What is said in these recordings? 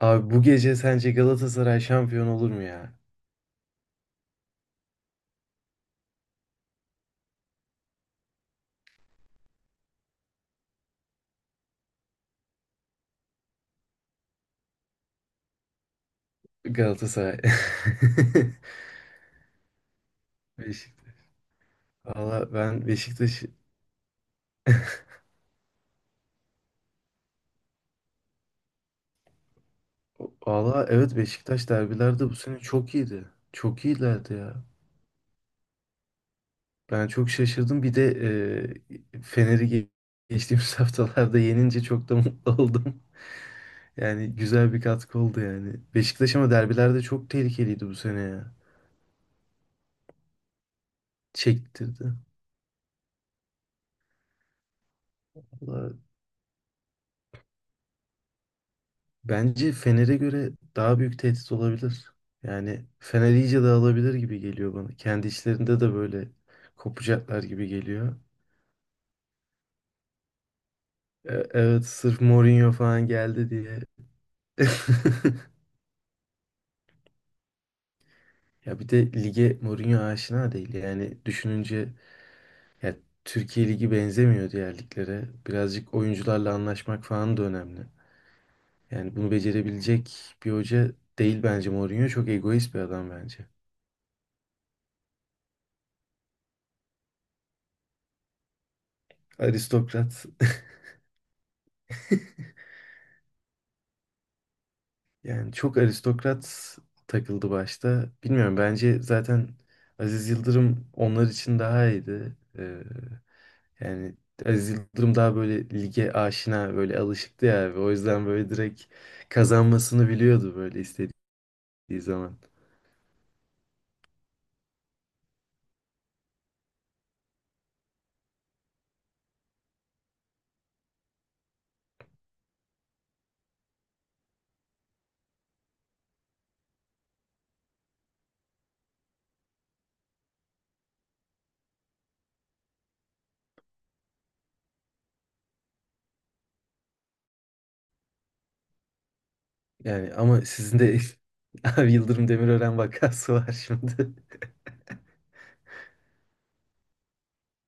Abi bu gece sence Galatasaray şampiyon olur mu ya? Galatasaray. Beşiktaş. Valla ben Beşiktaş... Valla evet, Beşiktaş derbilerde bu sene çok iyiydi. Çok iyilerdi ya. Ben çok şaşırdım. Bir de e, Fener'i ge- geçtiğimiz haftalarda yenince çok da mutlu oldum. Yani güzel bir katkı oldu yani. Beşiktaş ama derbilerde çok tehlikeliydi bu sene ya. Çektirdi. Valla, bence Fener'e göre daha büyük tehdit olabilir. Yani Fener iyice dağılabilir gibi geliyor bana. Kendi içlerinde de böyle kopacaklar gibi geliyor. Evet, sırf Mourinho falan geldi diye. Ya bir de lige Mourinho aşina değil. Yani düşününce ya, Türkiye Ligi benzemiyor diğer liglere. Birazcık oyuncularla anlaşmak falan da önemli. Yani bunu becerebilecek bir hoca değil bence Mourinho. Çok egoist bir adam bence. Aristokrat. Yani çok aristokrat takıldı başta. Bilmiyorum, bence zaten Aziz Yıldırım onlar için daha iyiydi. Yani Aziz Yıldırım daha böyle lige aşina, böyle alışıktı ya abi. O yüzden böyle direkt kazanmasını biliyordu, böyle istediği zaman. Yani ama sizin de abi Yıldırım Demirören vakası var şimdi.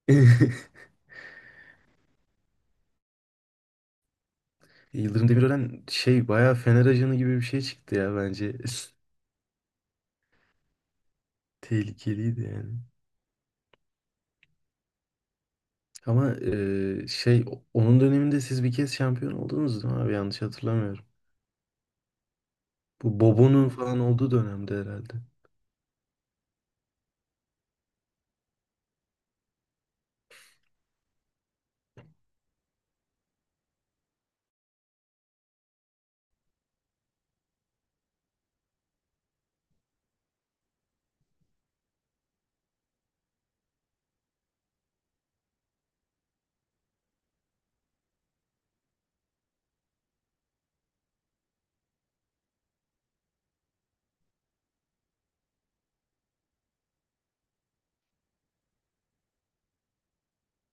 Yıldırım Demirören şey, bayağı Fener ajanı gibi bir şey çıktı ya bence. Tehlikeliydi yani. Ama şey, onun döneminde siz bir kez şampiyon oldunuz değil mi abi? Yanlış hatırlamıyorum. Bu Bobo'nun falan olduğu dönemde herhalde.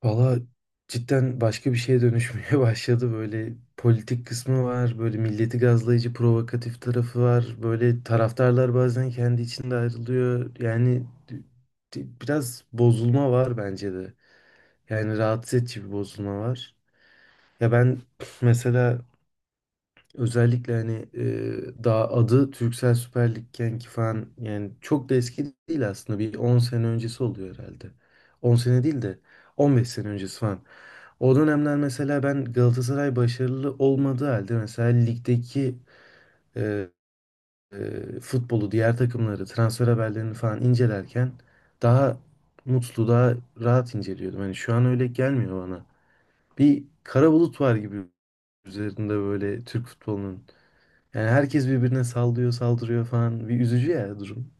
Valla cidden başka bir şeye dönüşmeye başladı. Böyle politik kısmı var. Böyle milleti gazlayıcı, provokatif tarafı var. Böyle taraftarlar bazen kendi içinde ayrılıyor. Yani biraz bozulma var bence de. Yani rahatsız edici bir bozulma var. Ya ben mesela özellikle hani daha adı Türksel Süper Lig'ken ki falan, yani çok da eski değil aslında, bir 10 sene öncesi oluyor herhalde. 10 sene değil de 15 sene öncesi falan. O dönemler mesela ben, Galatasaray başarılı olmadığı halde mesela, ligdeki e, futbolu, diğer takımları, transfer haberlerini falan incelerken daha mutlu, daha rahat inceliyordum. Hani şu an öyle gelmiyor bana. Bir kara bulut var gibi üzerinde, böyle Türk futbolunun. Yani herkes birbirine sallıyor, saldırıyor falan. Bir üzücü ya durum.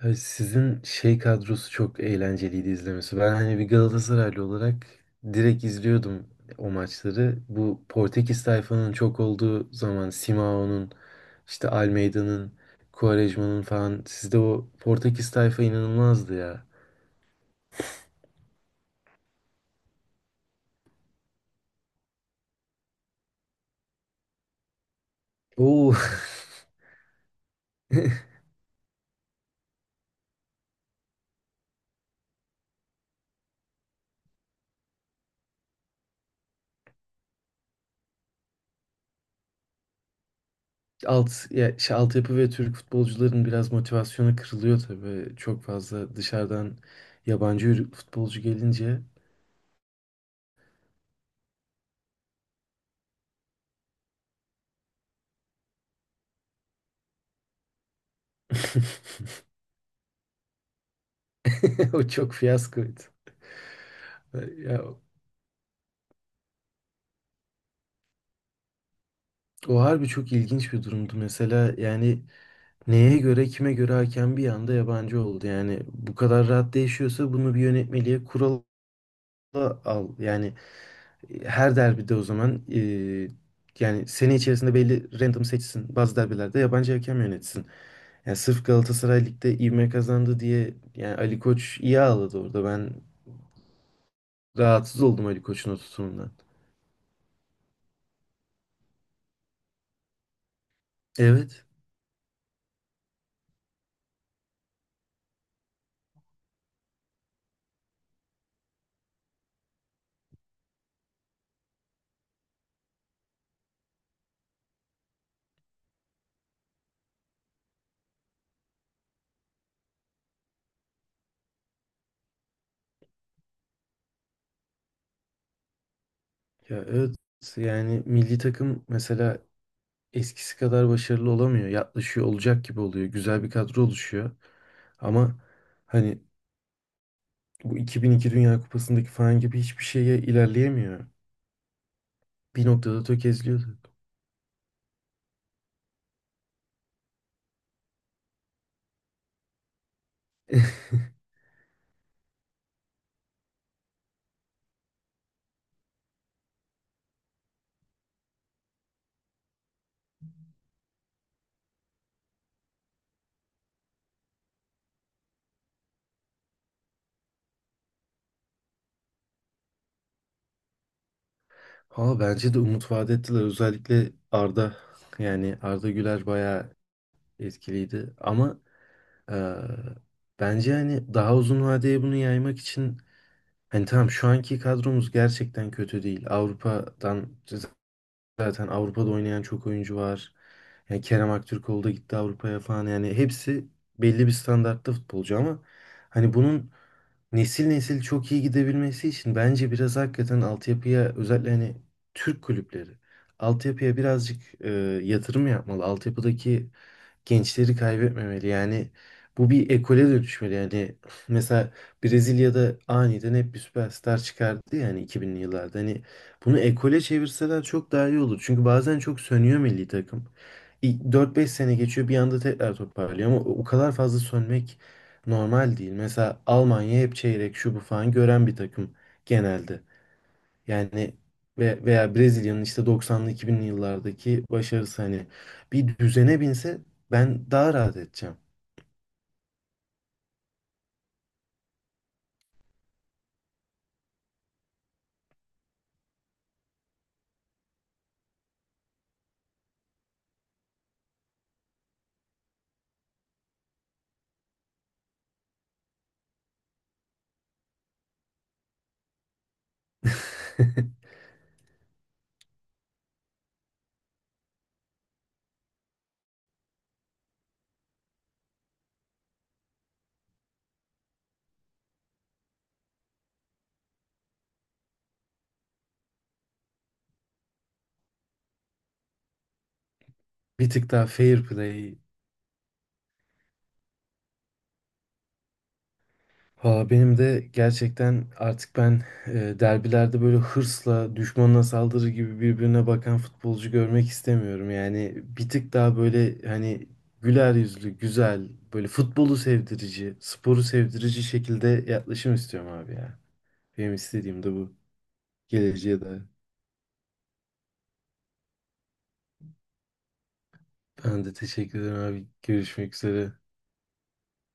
Abi sizin şey kadrosu çok eğlenceliydi izlemesi. Ben hani bir Galatasaraylı olarak direkt izliyordum o maçları. Bu Portekiz tayfanın çok olduğu zaman, Simao'nun, işte Almeida'nın, Quaresma'nın falan, sizde o Portekiz tayfa inanılmazdı ya. Oo. Ya, şey, altyapı ve Türk futbolcuların biraz motivasyonu kırılıyor tabii. Çok fazla dışarıdan yabancı futbolcu gelince. O çok fiyaskoydu. Ya, o harbi çok ilginç bir durumdu. Mesela yani neye göre, kime göre hakem bir anda yabancı oldu. Yani bu kadar rahat değişiyorsa bunu bir yönetmeliğe, kurala al. Yani her derbide, o zaman yani sene içerisinde belli, random seçsin. Bazı derbilerde yabancı hakem yönetsin. Yani sırf Galatasaray Lig'de ivme kazandı diye, yani Ali Koç iyi ağladı orada. Ben rahatsız oldum Ali Koç'un o tutumundan. Evet. Ya evet, yani milli takım mesela eskisi kadar başarılı olamıyor. Yaklaşıyor, olacak gibi oluyor. Güzel bir kadro oluşuyor. Ama hani bu 2002 Dünya Kupası'ndaki falan gibi hiçbir şeye ilerleyemiyor. Bir noktada tökezliyordu. Ha bence de umut vaat ettiler. Özellikle Arda, yani Arda Güler bayağı etkiliydi. Ama eee, bence hani daha uzun vadeye bunu yaymak için, hani tamam şu anki kadromuz gerçekten kötü değil. Zaten Avrupa'da oynayan çok oyuncu var. Yani Kerem Aktürkoğlu da gitti Avrupa'ya falan. Yani hepsi belli bir standartta futbolcu ama hani bunun nesil nesil çok iyi gidebilmesi için bence biraz hakikaten altyapıya, özellikle hani Türk kulüpleri altyapıya birazcık yatırım yapmalı. Altyapıdaki gençleri kaybetmemeli. Yani bu bir ekole dönüşmeli. Yani mesela Brezilya'da aniden hep bir süperstar çıkardı yani 2000'li yıllarda. Hani bunu ekole çevirseler çok daha iyi olur. Çünkü bazen çok sönüyor milli takım. 4-5 sene geçiyor, bir anda tekrar toparlıyor, ama o kadar fazla sönmek normal değil. Mesela Almanya hep çeyrek, şu bu falan gören bir takım genelde. Yani ve veya Brezilya'nın işte 90'lı, 2000'li yıllardaki başarısı hani bir düzene binse ben daha rahat edeceğim. Bir tık daha fair play. Valla benim de gerçekten, artık ben derbilerde böyle hırsla düşmanına saldırı gibi birbirine bakan futbolcu görmek istemiyorum. Yani bir tık daha böyle hani güler yüzlü, güzel, böyle futbolu sevdirici, sporu sevdirici şekilde yaklaşım istiyorum abi ya. Benim istediğim de bu. Geleceğe de. Ben de teşekkür ederim abi. Görüşmek üzere.